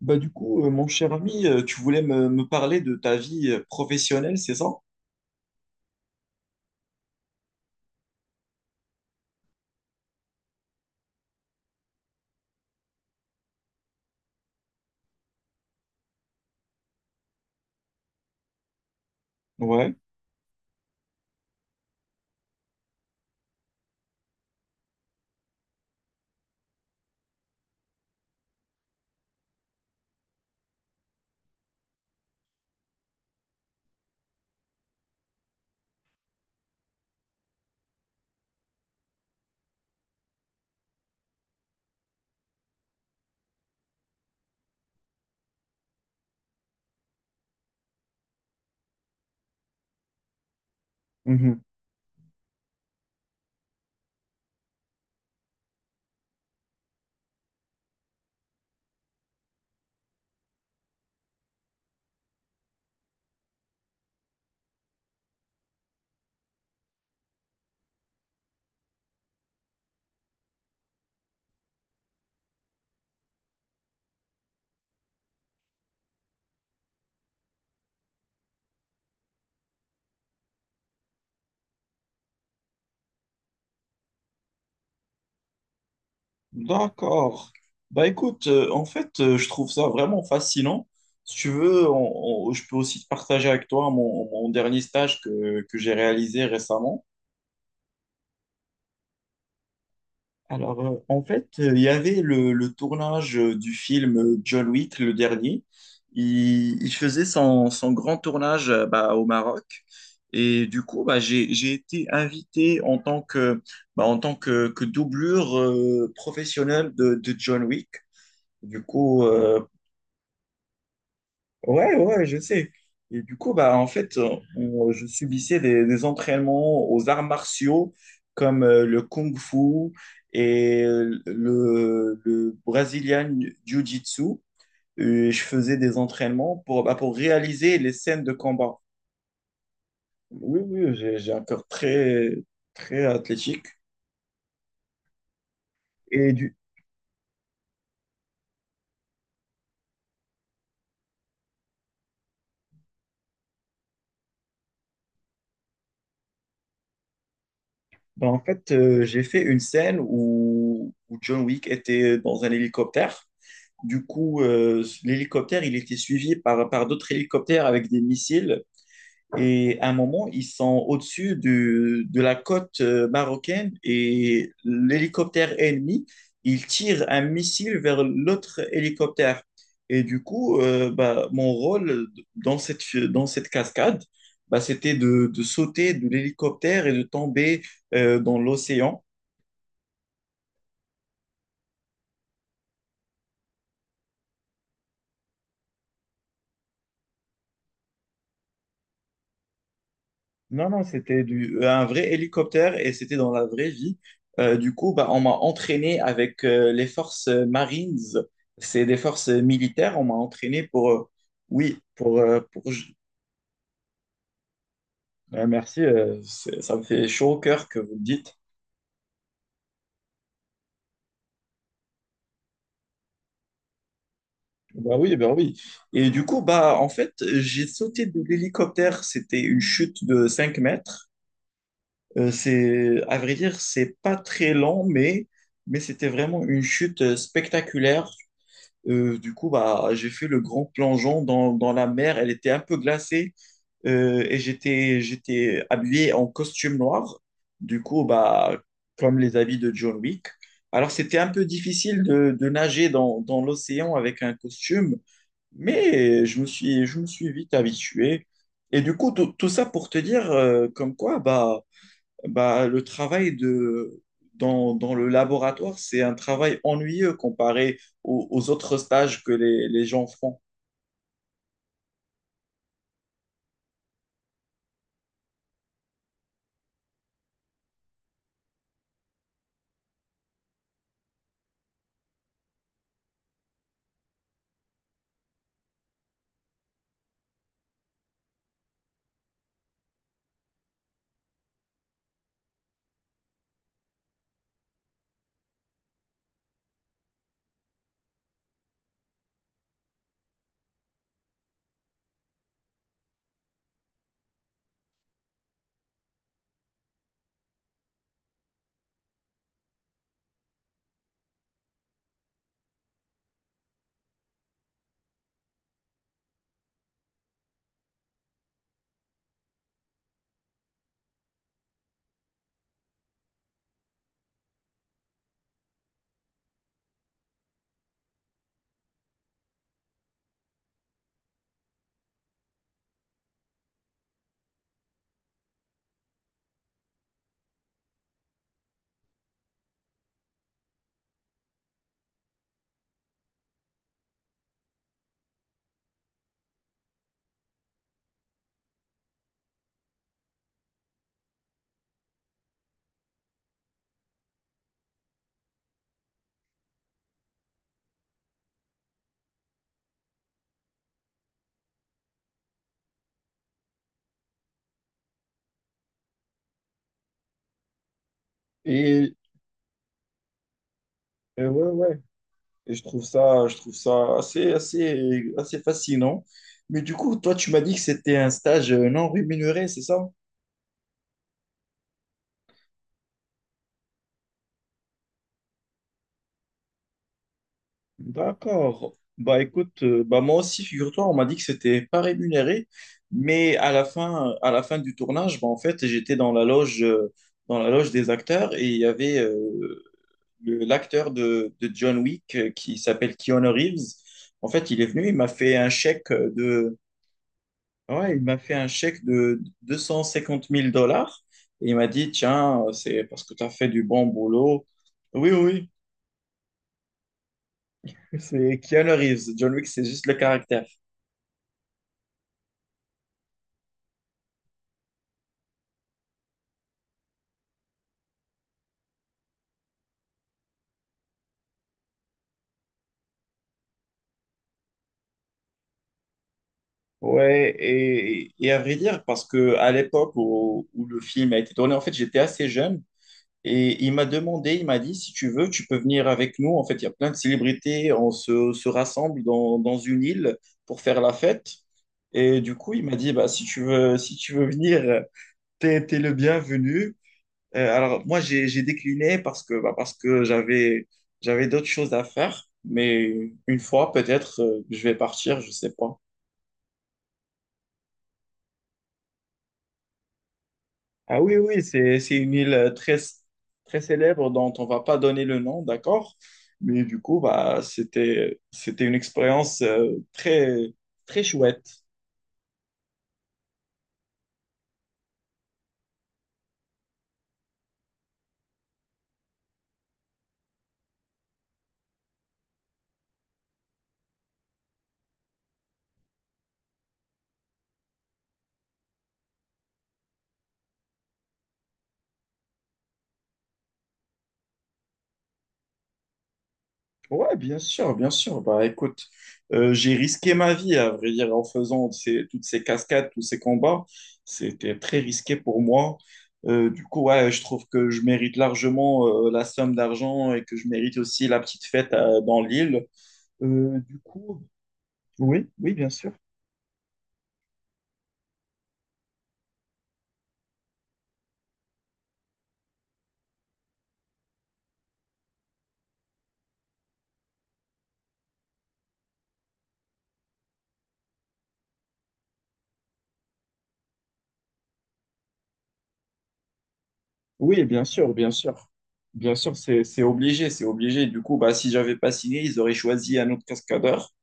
Mon cher ami, tu voulais me parler de ta vie professionnelle, c'est ça? Ouais. Mhm. D'accord. Bah écoute, en fait, je trouve ça vraiment fascinant. Si tu veux, je peux aussi te partager avec toi mon dernier stage que j'ai réalisé récemment. Alors, en fait, il y avait le tournage du film John Wick, le dernier. Il faisait son grand tournage au Maroc. Et du coup, bah, j'ai été invité en tant que, bah, en tant que doublure professionnelle de John Wick. Du coup, euh, Ouais, ouais, je sais. Et du coup, bah, en fait, je subissais des entraînements aux arts martiaux comme le Kung Fu et le Brazilian Jiu-Jitsu. Et je faisais des entraînements pour, bah, pour réaliser les scènes de combat. Oui, oui, j'ai un corps très, très athlétique. Et du, Bah, en fait, j'ai fait une scène où John Wick était dans un hélicoptère. Du coup, l'hélicoptère, il était suivi par d'autres hélicoptères avec des missiles. Et à un moment, ils sont de la côte marocaine et l'hélicoptère ennemi, il tire un missile vers l'autre hélicoptère. Et du coup, bah, mon rôle dans cette cascade, bah, c'était de sauter de l'hélicoptère et de tomber dans l'océan. Non, non, un vrai hélicoptère et c'était dans la vraie vie. Du coup, bah, on m'a entraîné avec les forces Marines. C'est des forces militaires. On m'a entraîné oui, merci, c'est- ça me fait chaud au cœur que vous le dites. Bah oui, bah oui. Et du coup, bah, en fait, j'ai sauté de l'hélicoptère. C'était une chute de 5 mètres. C'est, à vrai dire, c'est pas très lent, mais c'était vraiment une chute spectaculaire. Du coup, bah, j'ai fait le grand plongeon dans la mer. Elle était un peu glacée et j'étais habillé en costume noir. Du coup, bah, comme les habits de John Wick. Alors, c'était un peu difficile de nager dans l'océan avec un costume, mais je me suis vite habitué. Et du coup, tout ça pour te dire comme quoi, bah, bah, le travail de, dans, dans le laboratoire, c'est un travail ennuyeux comparé aux autres stages que les gens font. Et, et ouais, ouais. Et je trouve ça assez, assez, assez fascinant. Mais du coup, toi, tu m'as dit que c'était un stage non rémunéré, c'est ça? D'accord. Bah écoute, bah moi aussi, figure-toi, on m'a dit que c'était pas rémunéré, mais à la fin du tournage, bah en fait, j'étais dans la loge des acteurs et il y avait l'acteur de John Wick qui s'appelle Keanu Reeves. En fait, il est venu, il m'a fait un chèque de, ouais, il m'a fait un chèque de 250 000 $ et il m'a dit, tiens, c'est parce que tu as fait du bon boulot. Oui, oui, oui, c'est Keanu Reeves. John Wick, c'est juste le caractère. Ouais, et à vrai dire, parce que à l'époque où le film a été tourné, en fait, j'étais assez jeune. Et il m'a demandé, il m'a dit, si tu veux, tu peux venir avec nous. En fait, il y a plein de célébrités, se rassemble dans une île pour faire la fête. Et du coup, il m'a dit, bah, si tu veux, si tu veux venir, t'es le bienvenu. Alors, moi, j'ai décliné parce que, bah, parce que j'avais d'autres choses à faire. Mais une fois, peut-être, je vais partir, je sais pas. Ah oui, oui, c'est une île très, très célèbre dont on va pas donner le nom, d'accord? Mais du coup, bah, c'était une expérience très, très chouette. Ouais, bien sûr, bien sûr. Bah, écoute, j'ai risqué ma vie, à vrai dire, en faisant ces- toutes ces cascades, tous ces combats. C'était très risqué pour moi. Du coup, ouais, je trouve que je mérite largement la somme d'argent et que je mérite aussi la petite fête dans l'île. Euh, du coup, oui, oui, bien sûr. Oui, bien sûr, bien sûr. Bien sûr, c'est obligé, c'est obligé. Du coup, bah, si j'avais pas signé, ils auraient choisi un autre cascadeur.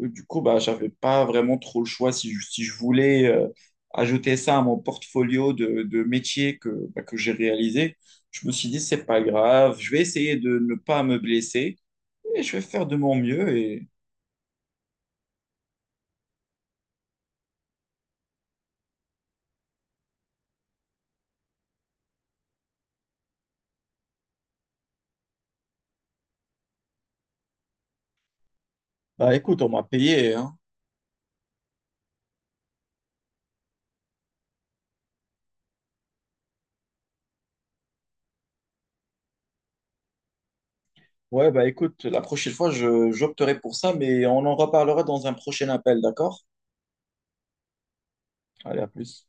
Du coup, bah, j'avais pas vraiment trop le choix si si je voulais ajouter ça à mon portfolio de métier que, bah, que j'ai réalisé. Je me suis dit, c'est pas grave, je vais essayer de ne pas me blesser et je vais faire de mon mieux. Et bah, écoute, on m'a payé, hein. Ouais, bah, écoute, la prochaine fois, j'opterai pour ça, mais on en reparlera dans un prochain appel, d'accord? Allez, à plus.